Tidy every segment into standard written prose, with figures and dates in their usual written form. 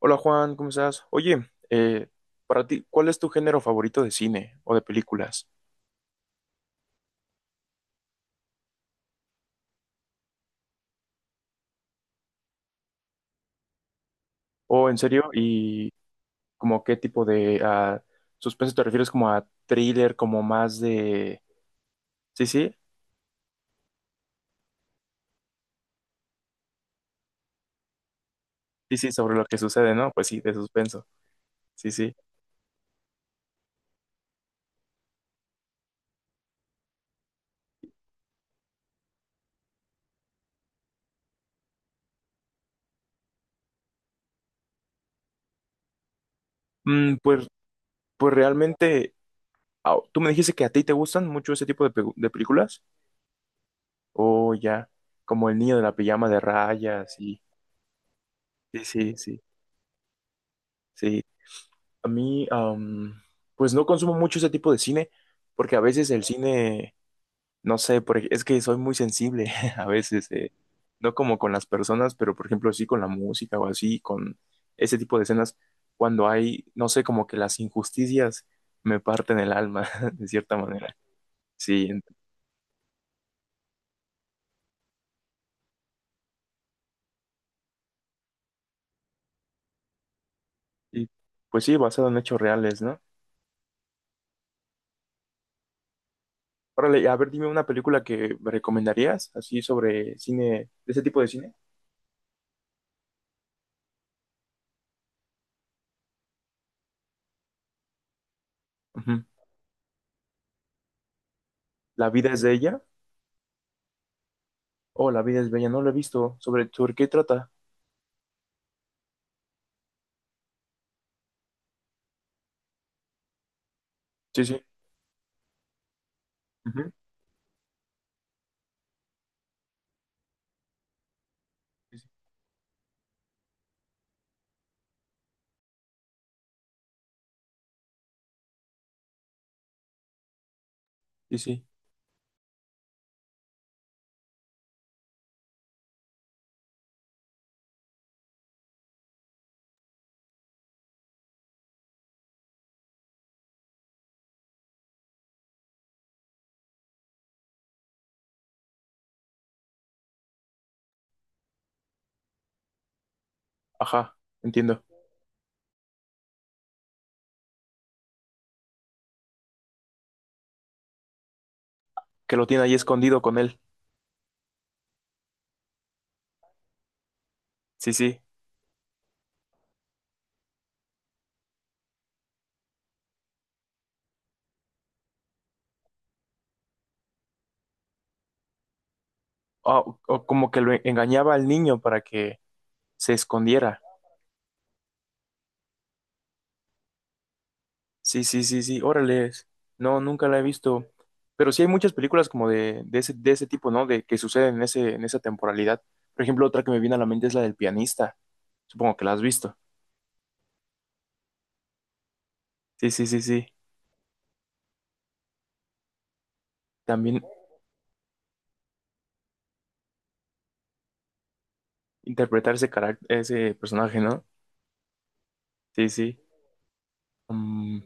Hola Juan, ¿cómo estás? Oye, para ti, ¿cuál es tu género favorito de cine o de películas? O en serio, ¿y como qué tipo de suspenso te refieres? ¿Como a thriller, como más de... Sí, sí, sí, sí, sobre lo que sucede, ¿no? Pues sí, de suspenso, sí, sí. Mm, pues, pues realmente, ¿tú me dijiste que a ti te gustan mucho ese tipo de películas? O ya, como El niño de la pijama de rayas, y... Sí, sí, sí, sí. A mí, pues no consumo mucho ese tipo de cine, porque a veces el cine, no sé, es que soy muy sensible a veces, no como con las personas, pero por ejemplo sí con la música o así, con ese tipo de escenas, cuando hay, no sé, como que las injusticias me parten el alma, de cierta manera. Sí, y, pues sí, basado en hechos reales, ¿no? Órale, a ver, dime una película que me recomendarías, así sobre cine, de ese tipo de cine. Ujú. La vida es de ella. Oh, La vida es bella, no lo he visto. ¿Sobre qué trata? Sí, sí. Ujú. Sí, sí. Sí, sí. Ajá, entiendo. Que lo tiene ahí escondido con él. Sí, sí. O como que lo engañaba al niño para que se escondiera. Sí, sí, sí, sí. Órale. No, nunca la he visto. Pero sí hay muchas películas como de ese tipo, ¿no? De que suceden en ese, en esa temporalidad. Por ejemplo, otra que me viene a la mente es la del pianista. Supongo que la has visto. Sí, sí, sí, sí. También interpretar ese personaje, ¿no? Sí, sí. Mm,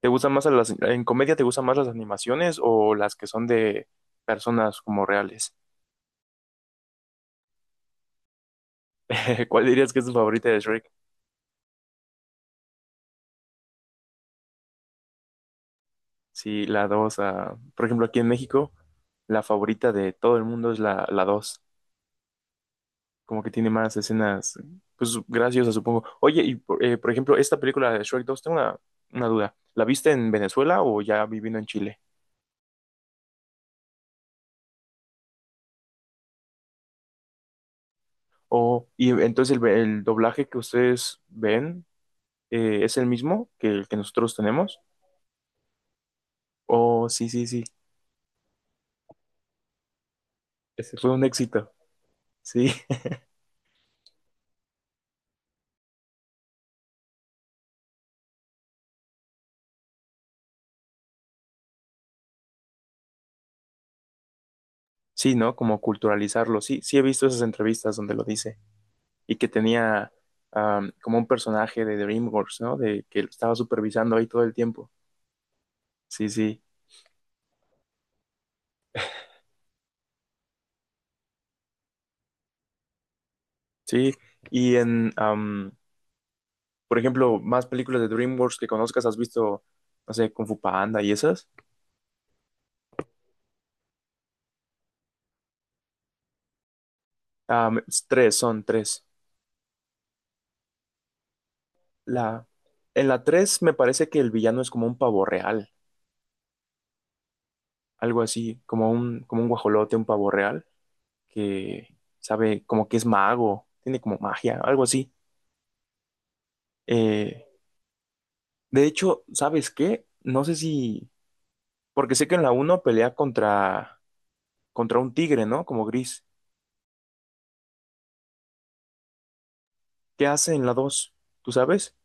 ¿Te gustan más las, en comedia te gustan más las animaciones o las que son de personas como reales? ¿Cuál dirías que es tu favorita de Shrek? Sí, la 2. Por ejemplo, aquí en México, la favorita de todo el mundo es la 2. Como que tiene más escenas, pues graciosas, supongo. Oye, y por ejemplo, esta película de Shrek 2 tengo una duda, ¿la viste en Venezuela o ya viviendo en Chile? O, y entonces el doblaje que ustedes ven, es el mismo que el que nosotros tenemos. Oh, sí, sí, sí. Ese fue un éxito. Sí, sí, ¿no? Como culturalizarlo. Sí, sí he visto esas entrevistas donde lo dice, y que tenía, como un personaje de DreamWorks, ¿no? De que lo estaba supervisando ahí todo el tiempo. Sí, sí, sí. Y por ejemplo, más películas de DreamWorks que conozcas, ¿has visto, no sé, Kung Fu Panda y esas? Es tres, son tres. La, en la tres me parece que el villano es como un pavo real, algo así, como un guajolote, un pavo real. Que sabe como que es mago, tiene como magia, algo así. Eh, de hecho, ¿sabes qué? No sé si, porque sé que en la uno pelea contra un tigre, ¿no? Como gris. ¿Qué hace en la dos? ¿Tú sabes?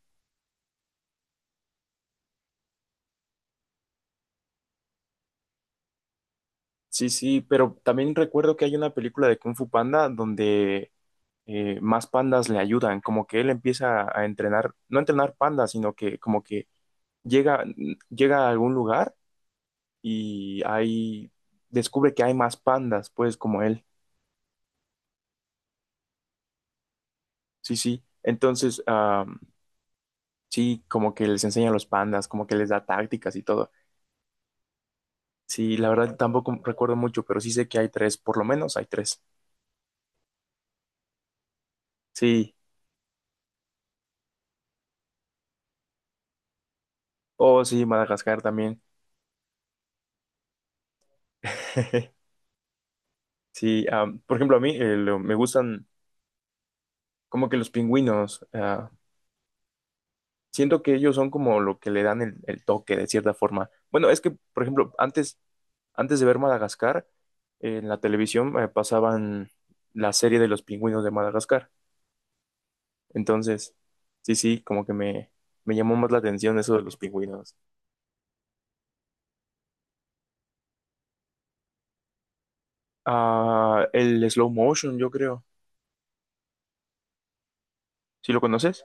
Sí, sí, pero también recuerdo que hay una película de Kung Fu Panda donde, más pandas le ayudan, como que él empieza a entrenar, no a entrenar pandas, sino que como que llega, llega a algún lugar y ahí descubre que hay más pandas, pues como él. Sí, sí. Entonces, sí, como que les enseña a los pandas, como que les da tácticas y todo. Sí, la verdad tampoco recuerdo mucho, pero sí sé que hay tres, por lo menos hay tres. Sí. Oh, sí, Madagascar también. Sí, por ejemplo, a mí, me gustan como que los pingüinos. Siento que ellos son como lo que le dan el toque de cierta forma. Bueno, es que, por ejemplo, antes de ver Madagascar, en la televisión, pasaban la serie de los pingüinos de Madagascar. Entonces, sí, sí, como que me llamó más la atención eso de los pingüinos. El slow motion, yo creo. ¿Sí lo conoces?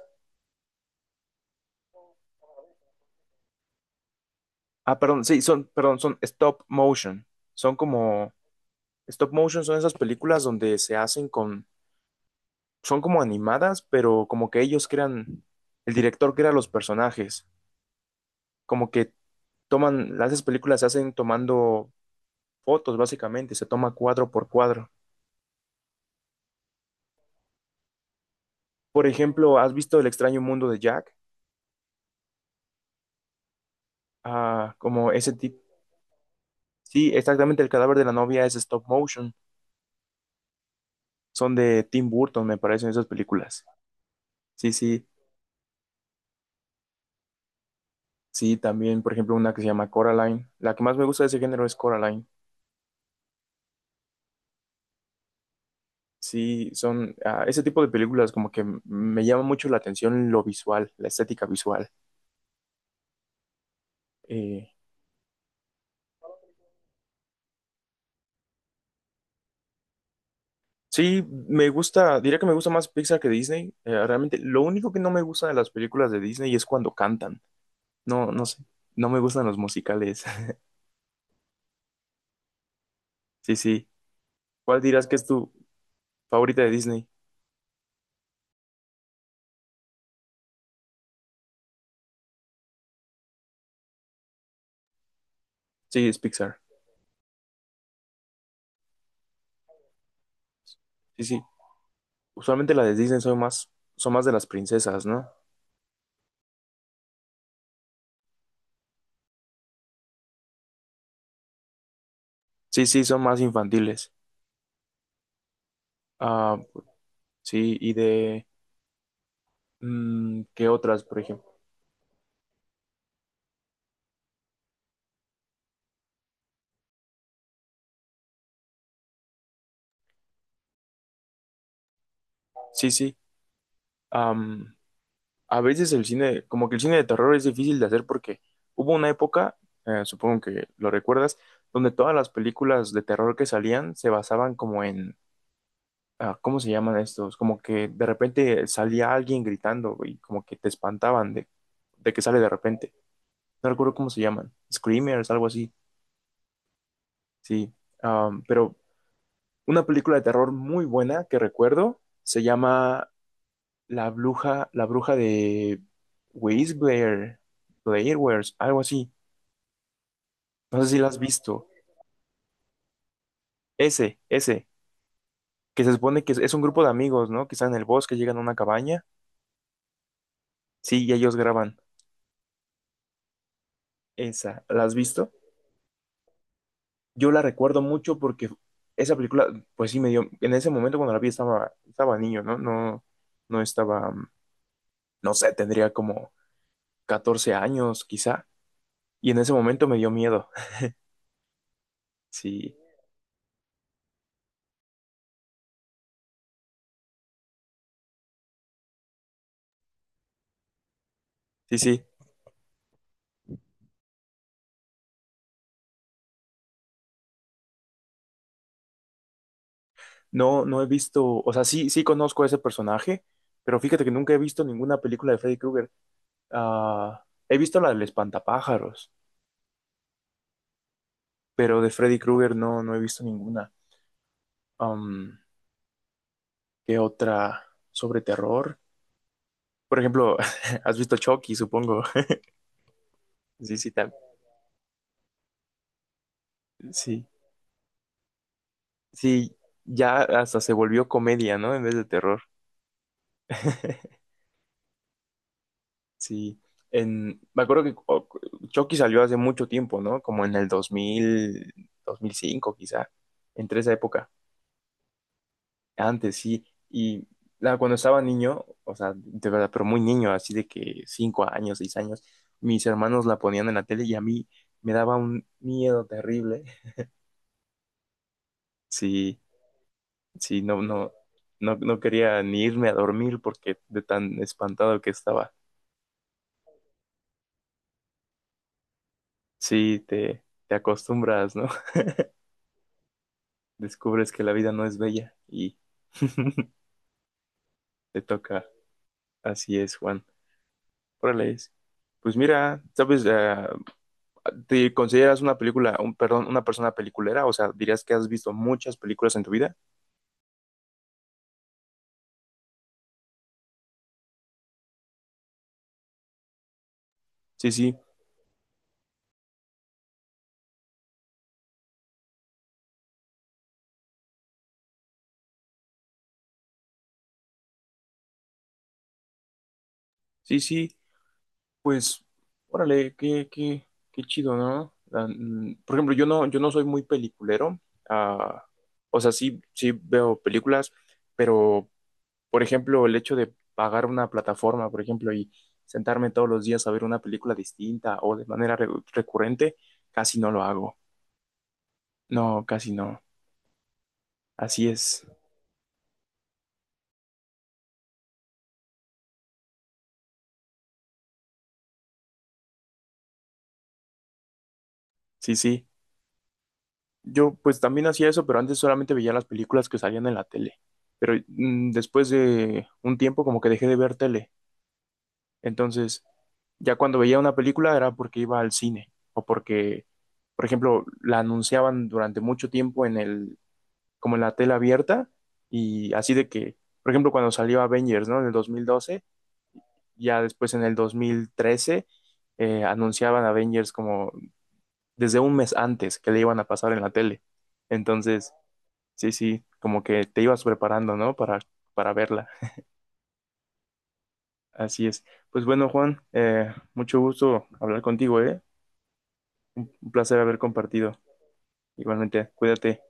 Perdón, sí, son, perdón, son stop motion. Son como stop motion, son esas películas donde se hacen con, son como animadas, pero como que ellos crean, el director crea los personajes. Como que toman, las películas se hacen tomando fotos, básicamente, se toma cuadro por cuadro. Por ejemplo, ¿has visto El extraño mundo de Jack? Como ese tipo. Sí, exactamente, el cadáver de la novia es stop motion. Son de Tim Burton, me parecen esas películas. Sí, sí, sí, también, por ejemplo, una que se llama Coraline. La que más me gusta de ese género es Coraline. Sí, son, ese tipo de películas como que me llama mucho la atención lo visual, la estética visual. Eh, sí, me gusta, diría que me gusta más Pixar que Disney. Realmente, lo único que no me gusta de las películas de Disney es cuando cantan. No, no sé, no me gustan los musicales. Sí, sí. ¿Cuál dirás que es tu favorita de Disney? Sí, es Pixar. Sí, sí. Usualmente las de Disney son más, de las princesas, ¿no? Sí, sí, son más infantiles. Ah, sí, y de... ¿qué otras, por ejemplo? Sí, sí. Am, a veces el cine, como que el cine de terror es difícil de hacer porque hubo una época, supongo que lo recuerdas, donde todas las películas de terror que salían se basaban como en... ¿Cómo se llaman estos? Como que de repente salía alguien gritando y como que te espantaban de que sale de repente. No recuerdo cómo se llaman. Screamers, algo así. Sí. Pero una película de terror muy buena que recuerdo se llama La Bruja de Blair, Blair Witch, algo así. No sé si la has visto. Ese, que se supone que es un grupo de amigos, ¿no? Que están en el bosque, llegan a una cabaña. Sí, y ellos graban esa. ¿La has visto? Yo la recuerdo mucho porque esa película, pues sí me dio, en ese momento cuando la vi estaba niño, ¿no? No, no estaba, no sé, tendría como 14 años quizá, y en ese momento me dio miedo. Sí, sí, sí. No, no he visto, o sea, sí, sí conozco a ese personaje, pero fíjate que nunca he visto ninguna película de Freddy Krueger. He visto la del espantapájaros, pero de Freddy Krueger no, no he visto ninguna. Am, ¿Qué otra sobre terror? Por ejemplo, has visto Chucky, supongo. Sí, sí, sí. Sí, ya hasta se volvió comedia, ¿no? En vez de terror. Sí, me acuerdo que Chucky salió hace mucho tiempo, ¿no? Como en el 2000, 2005 quizá, entre esa época. Antes, sí. Y cuando estaba niño, o sea, de verdad, pero muy niño, así de que 5 años, 6 años, mis hermanos la ponían en la tele y a mí me daba un miedo terrible. Sí, sí, no, no, no, no quería ni irme a dormir porque de tan espantado que estaba. Sí, te acostumbras, ¿no? Descubres que la vida no es bella y te toca. Así es, Juan. Órale es. Pues mira, sabes, ¿te consideras una película, un, perdón, una persona peliculera? O sea, dirías que has visto muchas películas en tu vida. Sí, sí, sí, sí. Pues, órale, qué chido, ¿no? Por ejemplo, yo no soy muy peliculero. Ah, o sea, sí, sí veo películas, pero por ejemplo, el hecho de pagar una plataforma, por ejemplo, y sentarme todos los días a ver una película distinta o de manera recurrente, casi no lo hago. No, casi no. Así es. Sí, sí. Yo pues también hacía eso, pero antes solamente veía las películas que salían en la tele. Pero, después de un tiempo como que dejé de ver tele. Entonces, ya cuando veía una película era porque iba al cine o porque, por ejemplo, la anunciaban durante mucho tiempo en el, como en la tela abierta, y así de que, por ejemplo, cuando salió Avengers, ¿no? En el 2012, ya después, en el 2013, anunciaban Avengers como desde un mes antes que le iban a pasar en la tele. Entonces, sí, sí, como que te ibas preparando, ¿no? Para verla. Así es. Pues bueno, Juan, mucho gusto hablar contigo, ¿eh? Un placer haber compartido. Igualmente, cuídate.